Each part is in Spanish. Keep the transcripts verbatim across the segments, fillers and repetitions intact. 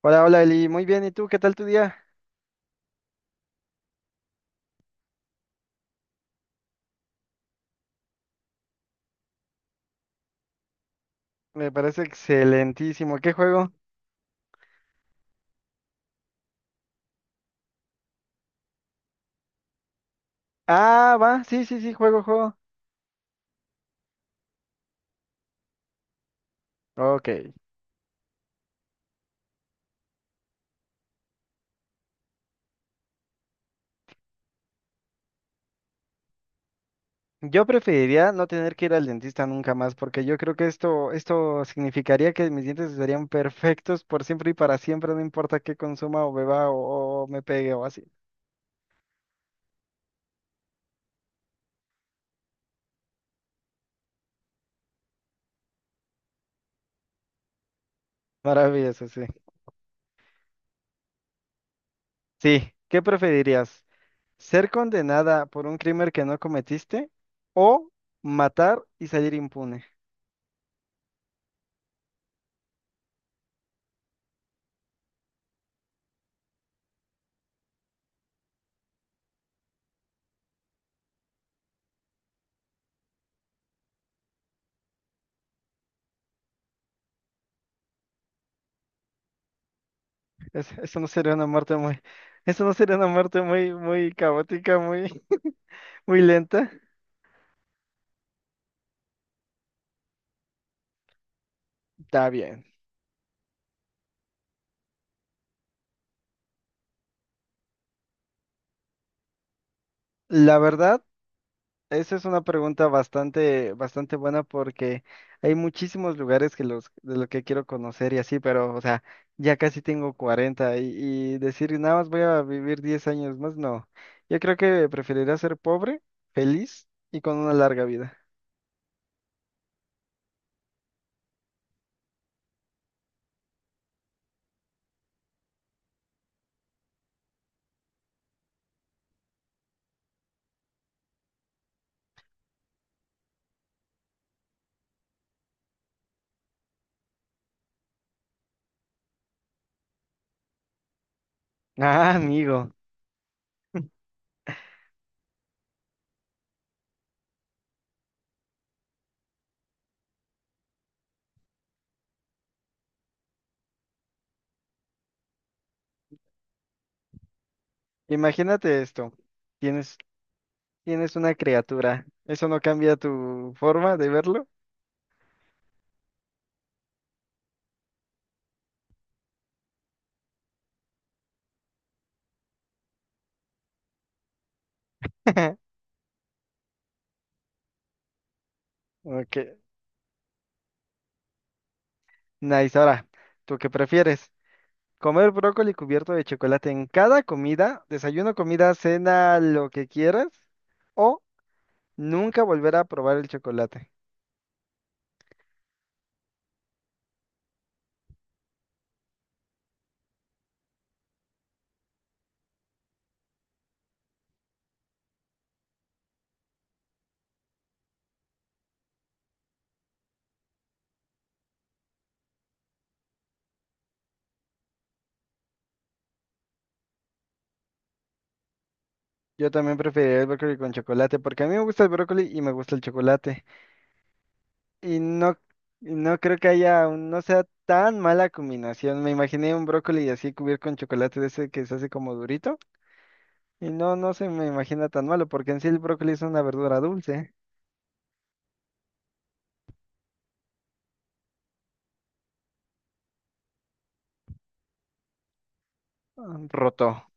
Hola, hola Eli, muy bien, ¿y tú? ¿Qué tal tu día? Me parece excelentísimo, ¿qué juego? Ah, va, sí, sí, sí, juego, juego. Ok, yo preferiría no tener que ir al dentista nunca más, porque yo creo que esto, esto significaría que mis dientes estarían perfectos por siempre y para siempre, no importa qué consuma o beba o, o me pegue o así. Maravilloso, sí. Sí, ¿qué preferirías? ¿Ser condenada por un crimen que no cometiste o matar y salir impune? Es- eso no sería una muerte muy, eso no sería una muerte muy, muy caótica, muy, muy lenta. Está bien. La verdad, esa es una pregunta bastante, bastante buena porque hay muchísimos lugares que los, de los que quiero conocer y así, pero, o sea, ya casi tengo cuarenta y, y decir nada más voy a vivir diez años más, no. Yo creo que preferiría ser pobre, feliz y con una larga vida. Ah, amigo, imagínate esto. Tienes Tienes una criatura. ¿Eso no cambia tu forma de verlo? Ok. Nice. Ahora, ¿tú qué prefieres? ¿Comer brócoli cubierto de chocolate en cada comida? ¿Desayuno, comida, cena, lo que quieras? ¿O nunca volver a probar el chocolate? Yo también preferiría el brócoli con chocolate porque a mí me gusta el brócoli y me gusta el chocolate. Y no, y no creo que haya, un- no sea tan mala combinación. Me imaginé un brócoli así cubierto con chocolate de ese que se hace como durito. Y no, no se me imagina tan malo, porque en sí el brócoli es una verdura dulce. Ah, roto.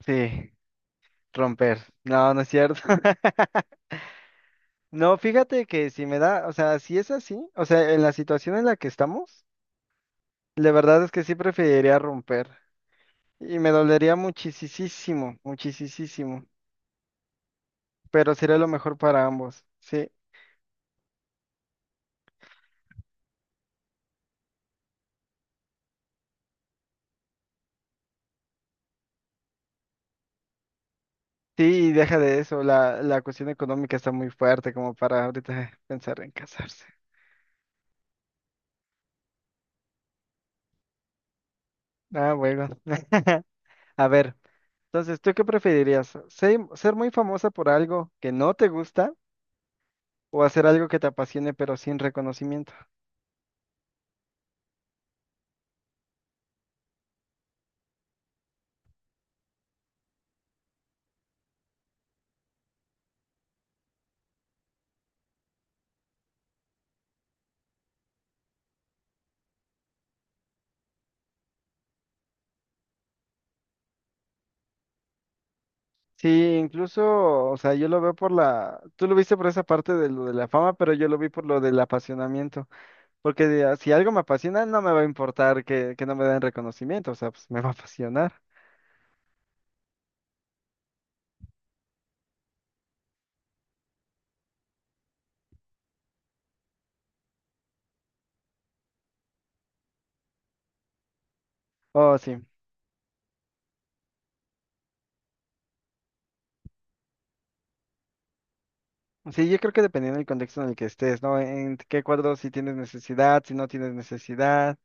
Sí, romper. No, no es cierto. No, fíjate que si me da, o sea, si es así, o sea, en la situación en la que estamos, la verdad es que sí preferiría romper. Y me dolería muchísimo, muchísimo. Pero sería lo mejor para ambos. Sí, sí, y deja de eso. La, la cuestión económica está muy fuerte como para ahorita pensar en casarse. Ah, bueno. A ver. Entonces, ¿tú qué preferirías? ¿Ser, ser muy famosa por algo que no te gusta o hacer algo que te apasione pero sin reconocimiento? Sí, incluso, o sea, yo lo veo por la, tú lo viste por esa parte de lo de la fama, pero yo lo vi por lo del apasionamiento, porque de- ah, si algo me apasiona, no me va a importar que, que no me den reconocimiento, o sea, pues me va a apasionar. Oh, sí. Sí, yo creo que dependiendo del contexto en el que estés, ¿no? En qué cuadro, si tienes necesidad, si no tienes necesidad.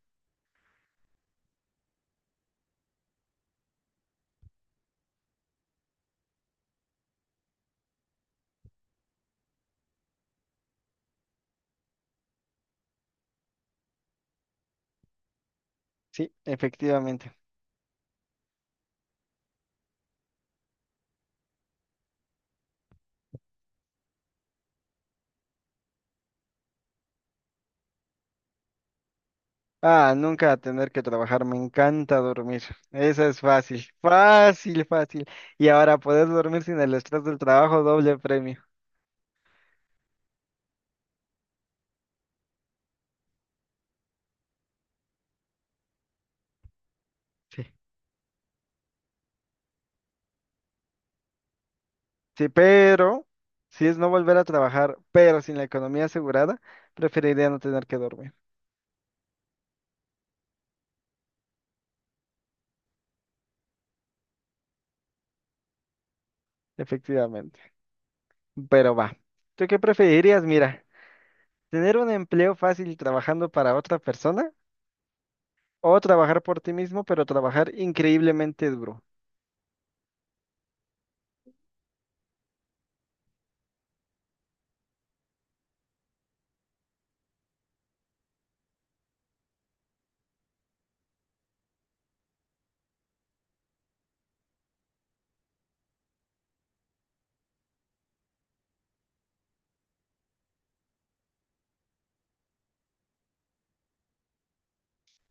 Sí, efectivamente. Ah, nunca tener que trabajar, me encanta dormir. Eso es fácil, fácil, fácil. Y ahora poder dormir sin el estrés del trabajo, doble premio. Sí. Sí, pero si es no volver a trabajar, pero sin la economía asegurada, preferiría no tener que dormir, efectivamente. Pero va. ¿Tú qué preferirías? Mira, tener un empleo fácil trabajando para otra persona o trabajar por ti mismo, pero trabajar increíblemente duro.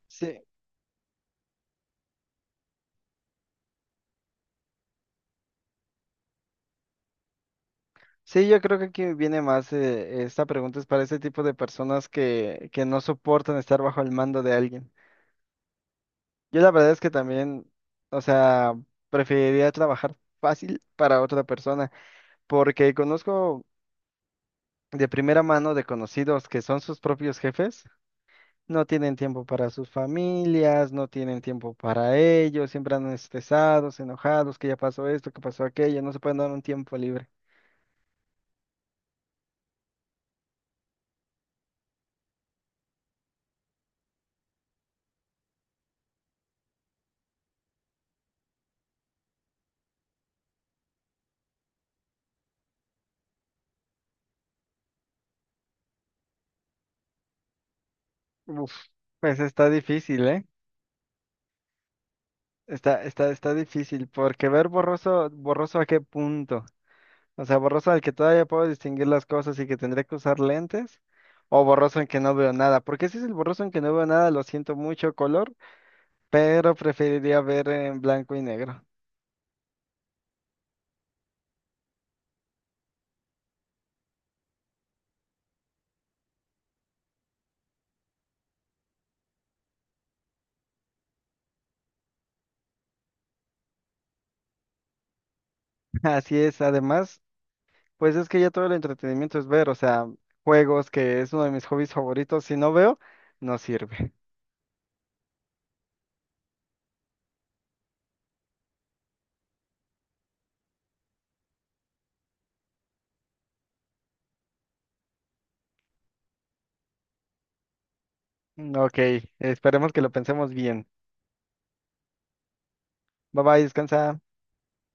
Sí, sí, yo creo que aquí viene más, eh, esta pregunta es para ese tipo de personas que, que no soportan estar bajo el mando de alguien. Yo la verdad es que también, o sea, preferiría trabajar fácil para otra persona, porque conozco de primera mano de conocidos que son sus propios jefes, no tienen tiempo para sus familias, no tienen tiempo para ellos, siempre andan estresados, enojados, que ya pasó esto, que pasó aquello, no se pueden dar un tiempo libre. Uf, pues está difícil, ¿eh? Está, está, está difícil, porque ver borroso, borroso a qué punto. O sea, borroso al que todavía puedo distinguir las cosas y que tendré que usar lentes, o borroso en que no veo nada. Porque si es el borroso en que no veo nada, lo siento mucho color, pero preferiría ver en blanco y negro. Así es, además, pues es que ya todo el entretenimiento es ver, o sea, juegos, que es uno de mis hobbies favoritos, si no veo, no sirve. Ok, esperemos que lo pensemos bien. Bye bye, descansa.